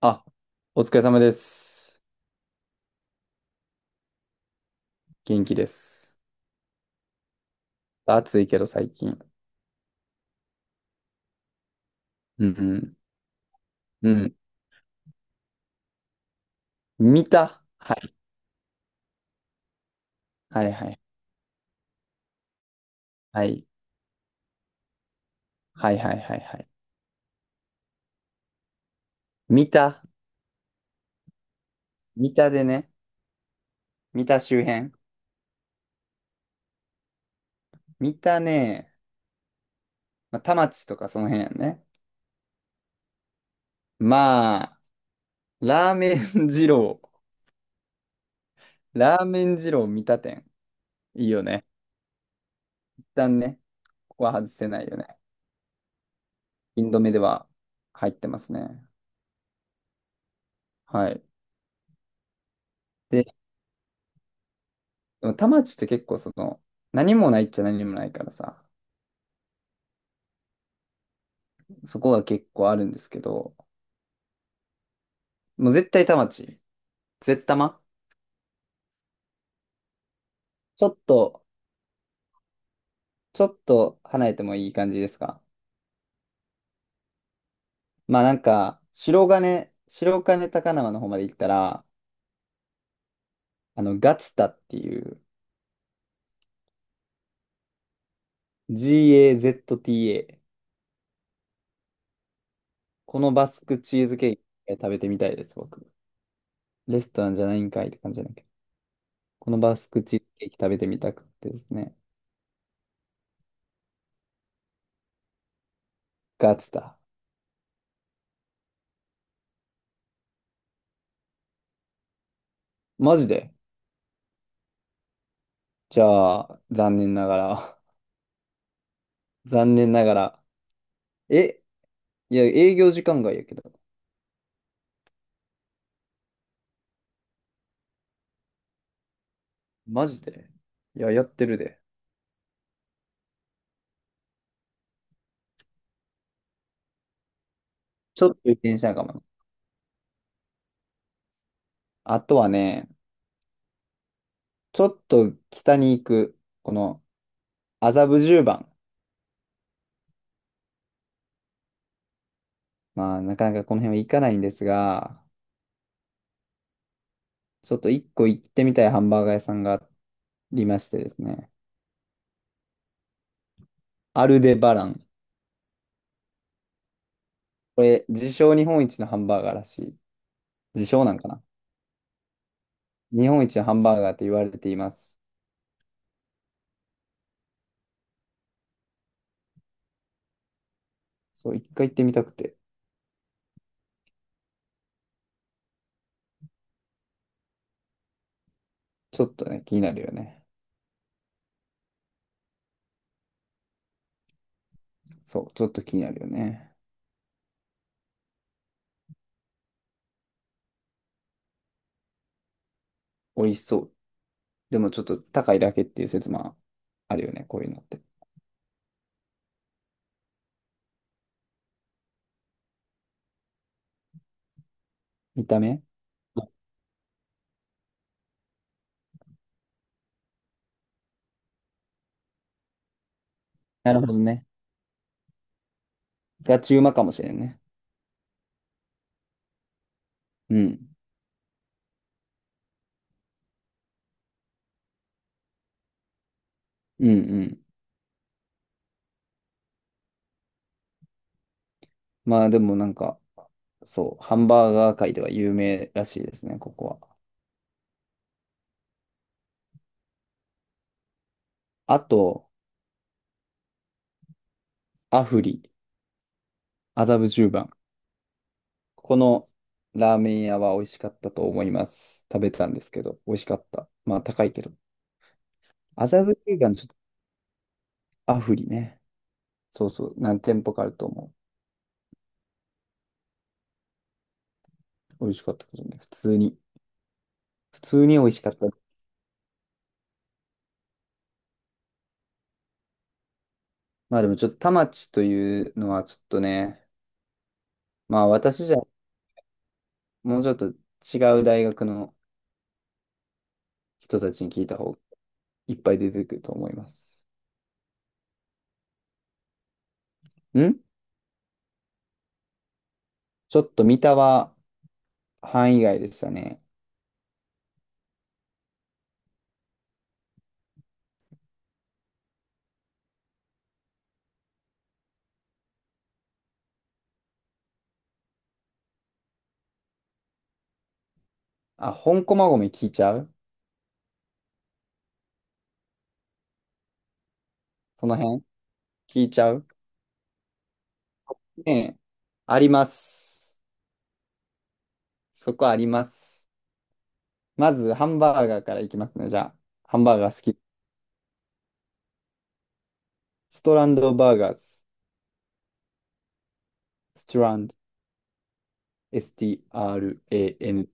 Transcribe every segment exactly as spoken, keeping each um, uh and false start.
あ、お疲れ様です。元気です。暑いけど最近。うん。うん。見た、はい。はいはい。はい。はいはいはいはい。見た見たでね。見た周辺。見たね。まあ、田町とかその辺やね。まあ、ラーメン二郎。ラーメン二郎見た店。いいよね。一旦ね。ここは外せないよね。インド目では入ってますね。はい。でも田町って結構その、何もないっちゃ何もないからさ、そこが結構あるんですけど、もう絶対田町。絶玉、ちょっと、ちょっと離れてもいい感じですか？まあなんか、白金、白金高輪の方まで行ったら、あの、ガツタっていう ガツタ。このバスクチーズケーキ食べてみたいです、僕。レストランじゃないんかいって感じじゃないけど。このバスクチーズケーキ食べてみたくてですね。ガツタ。マジで？じゃあ、残念ながら。残念ながら。え、いや、営業時間外やけど。マジで？いや、やってるで。ちょっと電車かもな。あとはね、ちょっと北に行く、この麻布十番。まあ、なかなかこの辺は行かないんですが、ちょっと一個行ってみたいハンバーガー屋さんがありましてですね。アルデバラン。これ、自称日本一のハンバーガーらしい。自称なんかな？日本一のハンバーガーと言われています。そう、一回行ってみたくて。ちょっとね、気になるよね。そう、ちょっと気になるよね。美味しそう。でもちょっと高いだけっていう説もあるよね、こういうのって。見た目、なるほどね。ガチうまかもしれんね。うん。うんうん。まあでもなんか、そう、ハンバーガー界では有名らしいですね、ここは。あと、アフリ、麻布十番。このラーメン屋は美味しかったと思います。食べたんですけど、美味しかった。まあ高いけど。麻布十番、ちょっとアフリね。そうそう、何店舗かあると思う。美味しかったけどね。普通に。普通に美味しかった。まあでもちょっと田町というのはちょっとね、まあ私じゃもうちょっと違う大学の人たちに聞いた方がいっぱい出てくると思います。ん、ちょっと三田は範囲外でしたね。あ、本駒込聞いちゃう？その辺聞いちゃう？ねえ。あります。そこあります。まずハンバーガーからいきますね。じゃあ、ハンバーガー好き。ストランドバーガーズ。ストランド。s t r a n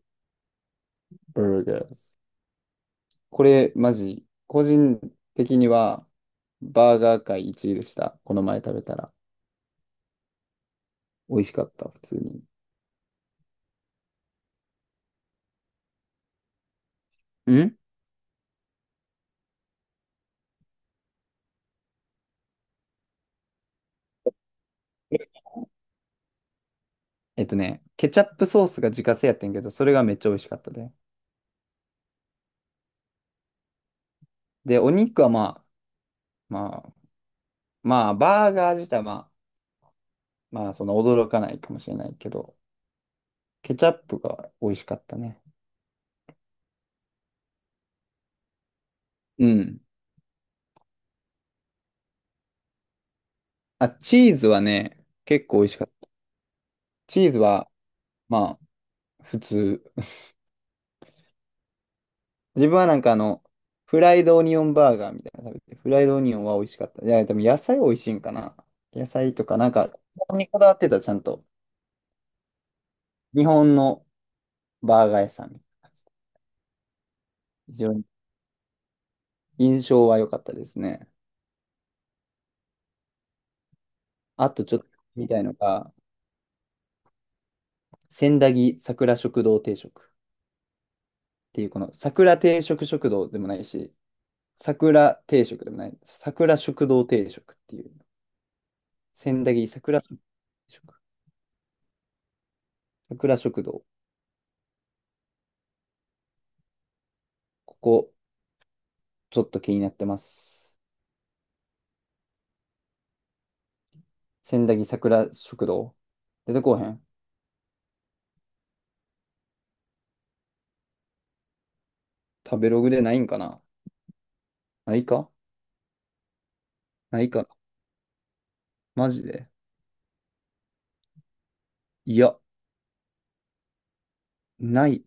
burgers。これ、マジ、個人的には、バーガー界いちいでした。この前食べたら。美味しかった、普通に。ん、えっとね、ケチャップソースが自家製やってんけど、それがめっちゃ美味しかったで。で、お肉はまあ、まあ、まあ、バーガー自体はまあ、まあ、その驚かないかもしれないけど、ケチャップが美味しかったね。うん。あ、チーズはね、結構美味しかった。チーズは、まあ、普通。自分はなんかあの、フライドオニオンバーガーみたいなの食べて、フライドオニオンは美味しかった。いや、でも野菜美味しいんかな。野菜とか、なんか、そこにこだわってた、ちゃんと。日本のバーガー屋さん。非常に印象は良かったですね。あとちょっとみたいのが、千駄木桜食堂定食っていう、この桜定食食堂でもないし、桜定食でもない、桜食堂定食っていう、千駄木桜食、桜食堂。ここ、ちょっと気になってます。千駄木桜食堂出てこうへん？食べログでないんかな？ないか？ないかな？マジで？いや、ない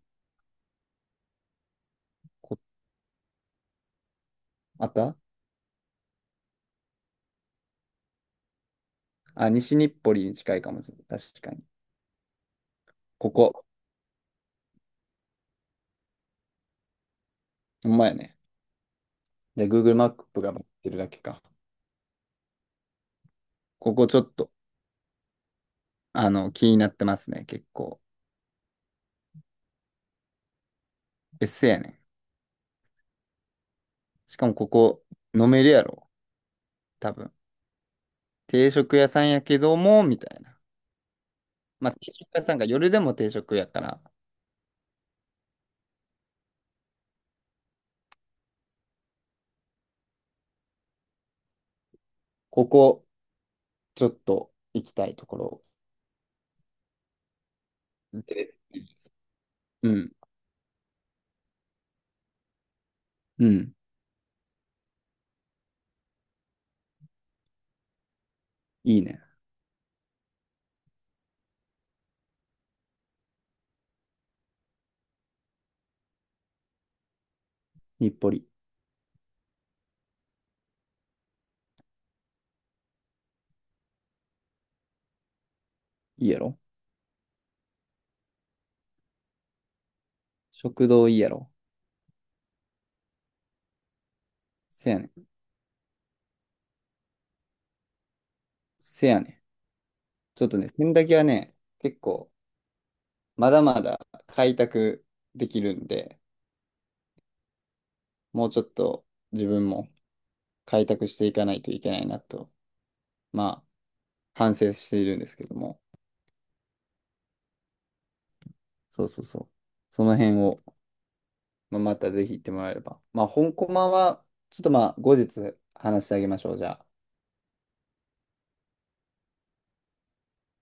こ。あった、あ、西日暮里に近いかもしれない。確かに。ここ。ほんまやね。じゃあ、Google マップが持ってるだけか。ここちょっと、あの、気になってますね。結構。別姓やね。しかもここ、飲めるやろ。多分。定食屋さんやけども、みたいな。まあ、定食屋さんが夜でも定食やから、ここ、ちょっと行きたいところ。うん。うん。いいね。日暮里。いいやろ？食堂いいやろ？せやねん。せやねん。ちょっとね、洗濯機はね、結構、まだまだ開拓できるんで、もうちょっと自分も開拓していかないといけないなと、まあ、反省しているんですけども。そうそうそう。その辺を、まあ、またぜひ行ってもらえれば。まあ、本コマは、ちょっとまあ、後日話してあげましょう。じゃあ。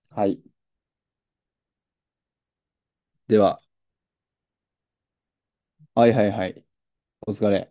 はい。では、はいはいはい。お疲れ。